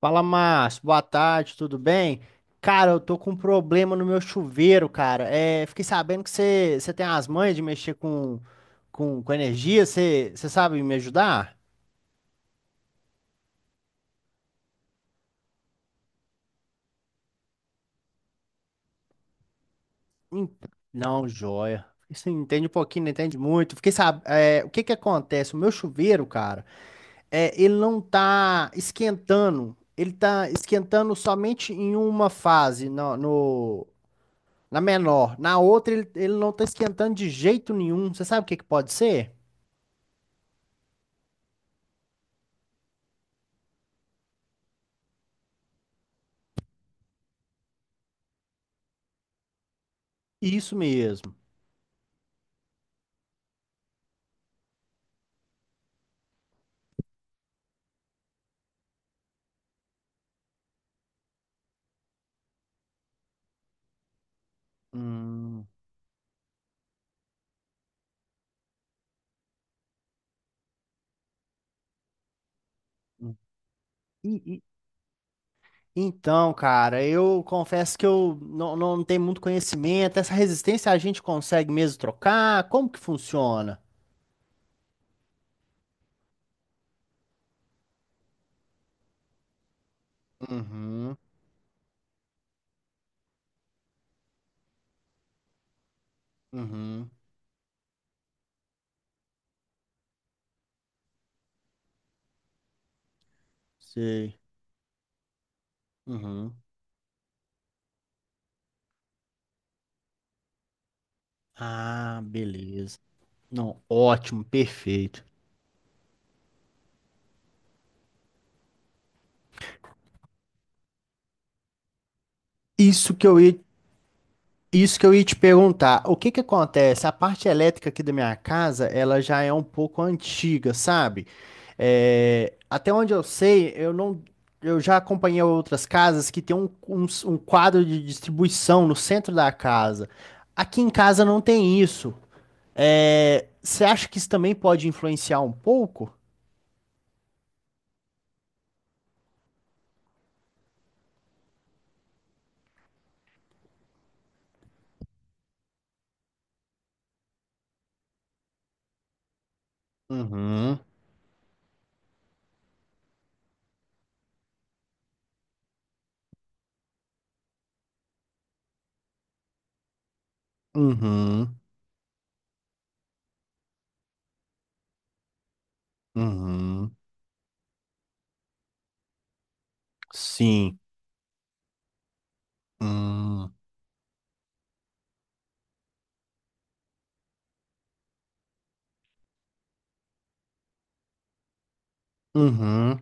Fala, Márcio. Boa tarde, tudo bem? Cara, eu tô com um problema no meu chuveiro, cara. Fiquei sabendo que você tem as manhas de mexer com energia. Você sabe me ajudar? Hum. Não, joia. Você entende um pouquinho, não entende muito. Fiquei sabendo. O que que acontece? O meu chuveiro, cara, ele não tá esquentando. Ele tá esquentando somente em uma fase, na menor. Na outra, ele não tá esquentando de jeito nenhum. Você sabe o que que pode ser? Isso mesmo. Hum, hum. E- e- Então, cara, eu confesso que eu não, não tenho muito conhecimento. Essa resistência a gente consegue mesmo trocar? Como que funciona? Uhum, uhum, sei. Uhum. Ah, beleza. Não, ótimo, perfeito. Isso que eu ia Isso que eu ia te perguntar, o que que acontece? A parte elétrica aqui da minha casa, ela já é um pouco antiga, sabe? É, até onde eu sei, eu não, eu já acompanhei outras casas que tem um quadro de distribuição no centro da casa. Aqui em casa não tem isso. É, você acha que isso também pode influenciar um pouco? Uhum, uhum, uhum, sim. Hum. Uhum.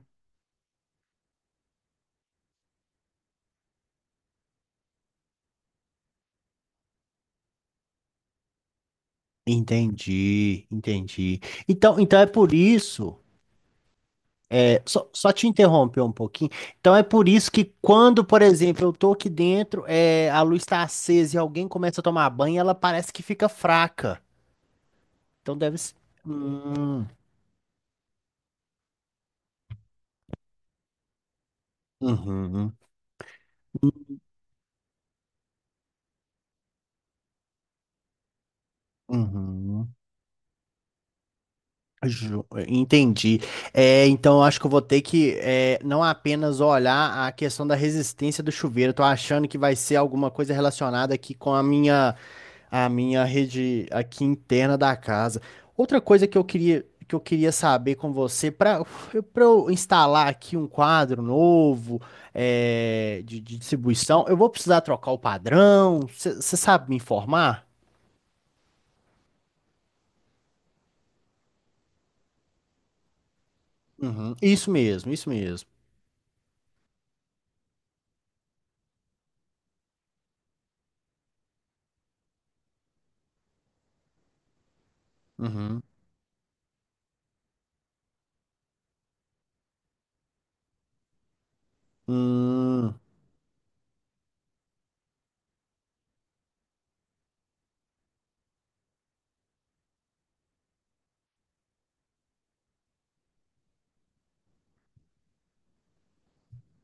Entendi, entendi. Então, então é por isso, só te interromper um pouquinho. Então é por isso que quando, por exemplo, eu tô aqui dentro, é, a luz está acesa e alguém começa a tomar banho, ela parece que fica fraca. Então deve ser. Hum, uhum, uhum. Entendi. É, então eu acho que eu vou ter que não apenas olhar a questão da resistência do chuveiro. Eu tô achando que vai ser alguma coisa relacionada aqui com a minha rede aqui interna da casa. Outra coisa que eu queria saber com você para eu instalar aqui um quadro novo de distribuição, eu vou precisar trocar o padrão. Você sabe me informar? Uhum. Isso mesmo, isso mesmo. Uhum. Hum.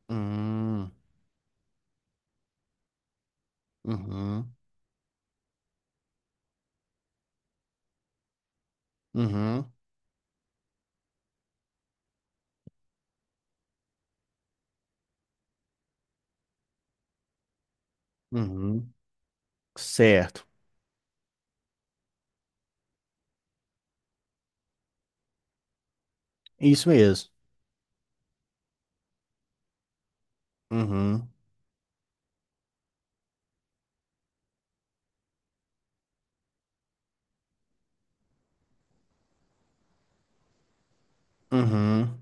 Hum, uhum, uhum, uhum. Certo. Isso mesmo. Uhum, uhum.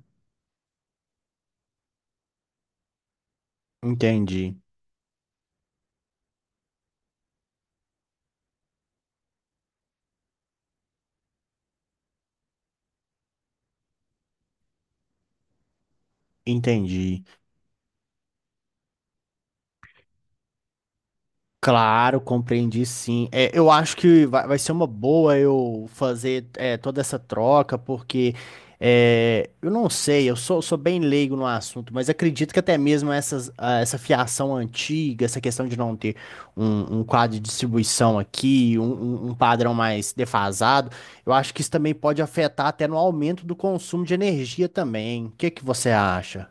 Entendi, entendi. Claro, compreendi sim. É, eu acho que vai ser uma boa eu fazer toda essa troca, porque eu não sei, sou bem leigo no assunto, mas acredito que até mesmo essas, ah, essa fiação antiga, essa questão de não ter um quadro de distribuição aqui, um padrão mais defasado, eu acho que isso também pode afetar até no aumento do consumo de energia também. O que que você acha?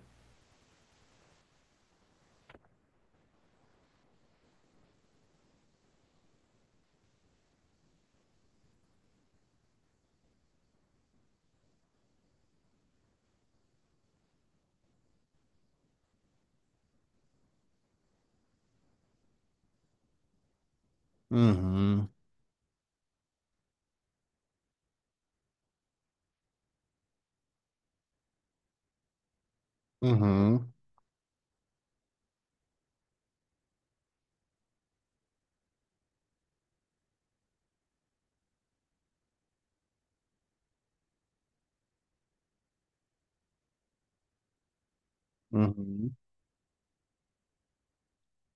Uhum, uhum, uhum.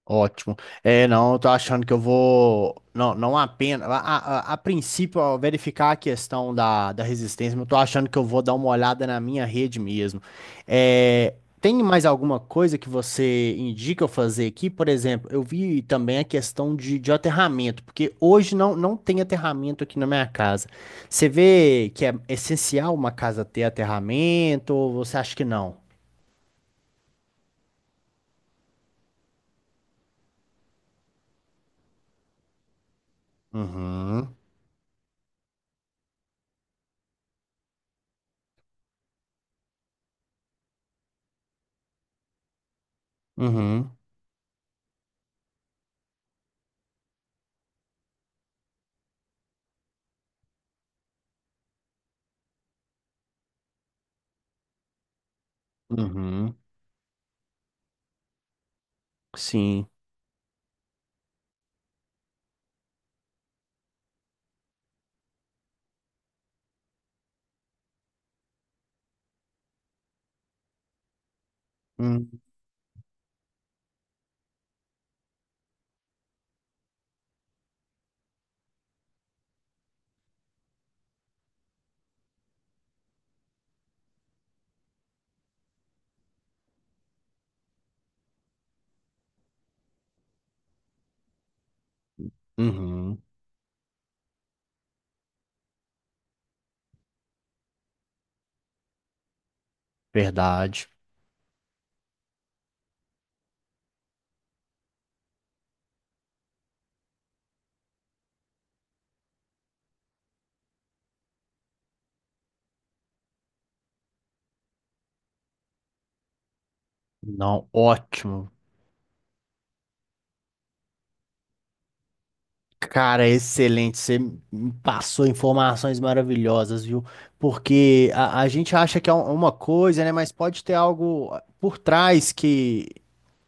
Ótimo. É, não, eu tô achando que eu vou. Não, não apenas. A princípio, ao verificar a questão da resistência, mas eu tô achando que eu vou dar uma olhada na minha rede mesmo. É, tem mais alguma coisa que você indica eu fazer aqui? Por exemplo, eu vi também a questão de aterramento, porque hoje não tem aterramento aqui na minha casa. Você vê que é essencial uma casa ter aterramento ou você acha que não? Uhum, uhum, uhum, sim. Hum. Uhum, verdade. Não, ótimo. Cara, excelente. Você me passou informações maravilhosas, viu? Porque a gente acha que é um- uma coisa, né? Mas pode ter algo, ah, por trás que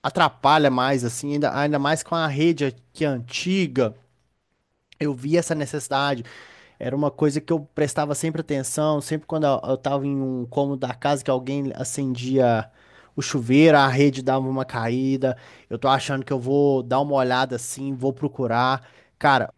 atrapalha mais, assim, ainda, ainda mais com a rede que é antiga. Eu vi essa necessidade. Era uma coisa que eu prestava sempre atenção, sempre quando eu tava em um cômodo da casa que alguém acendia o chuveiro, a rede dava uma caída. Eu tô achando que eu vou dar uma olhada assim, vou procurar. Cara,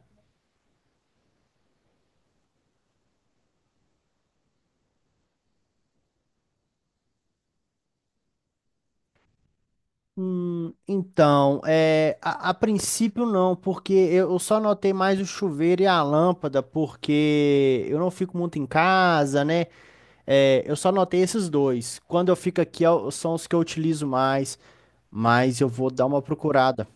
então, é, a princípio não, porque eu só notei mais o chuveiro e a lâmpada, porque eu não fico muito em casa, né? É, eu só notei esses dois. Quando eu fico aqui, eu- são os que eu utilizo mais, mas eu vou dar uma procurada.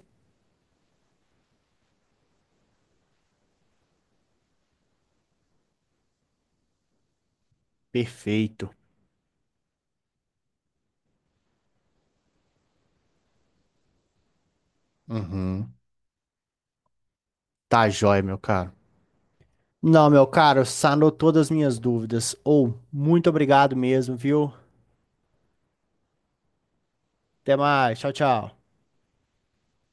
Perfeito. Uhum. Tá jóia, meu caro. Não, meu caro, sanou todas as minhas dúvidas. Ou, muito obrigado mesmo, viu? Até mais. Tchau, tchau.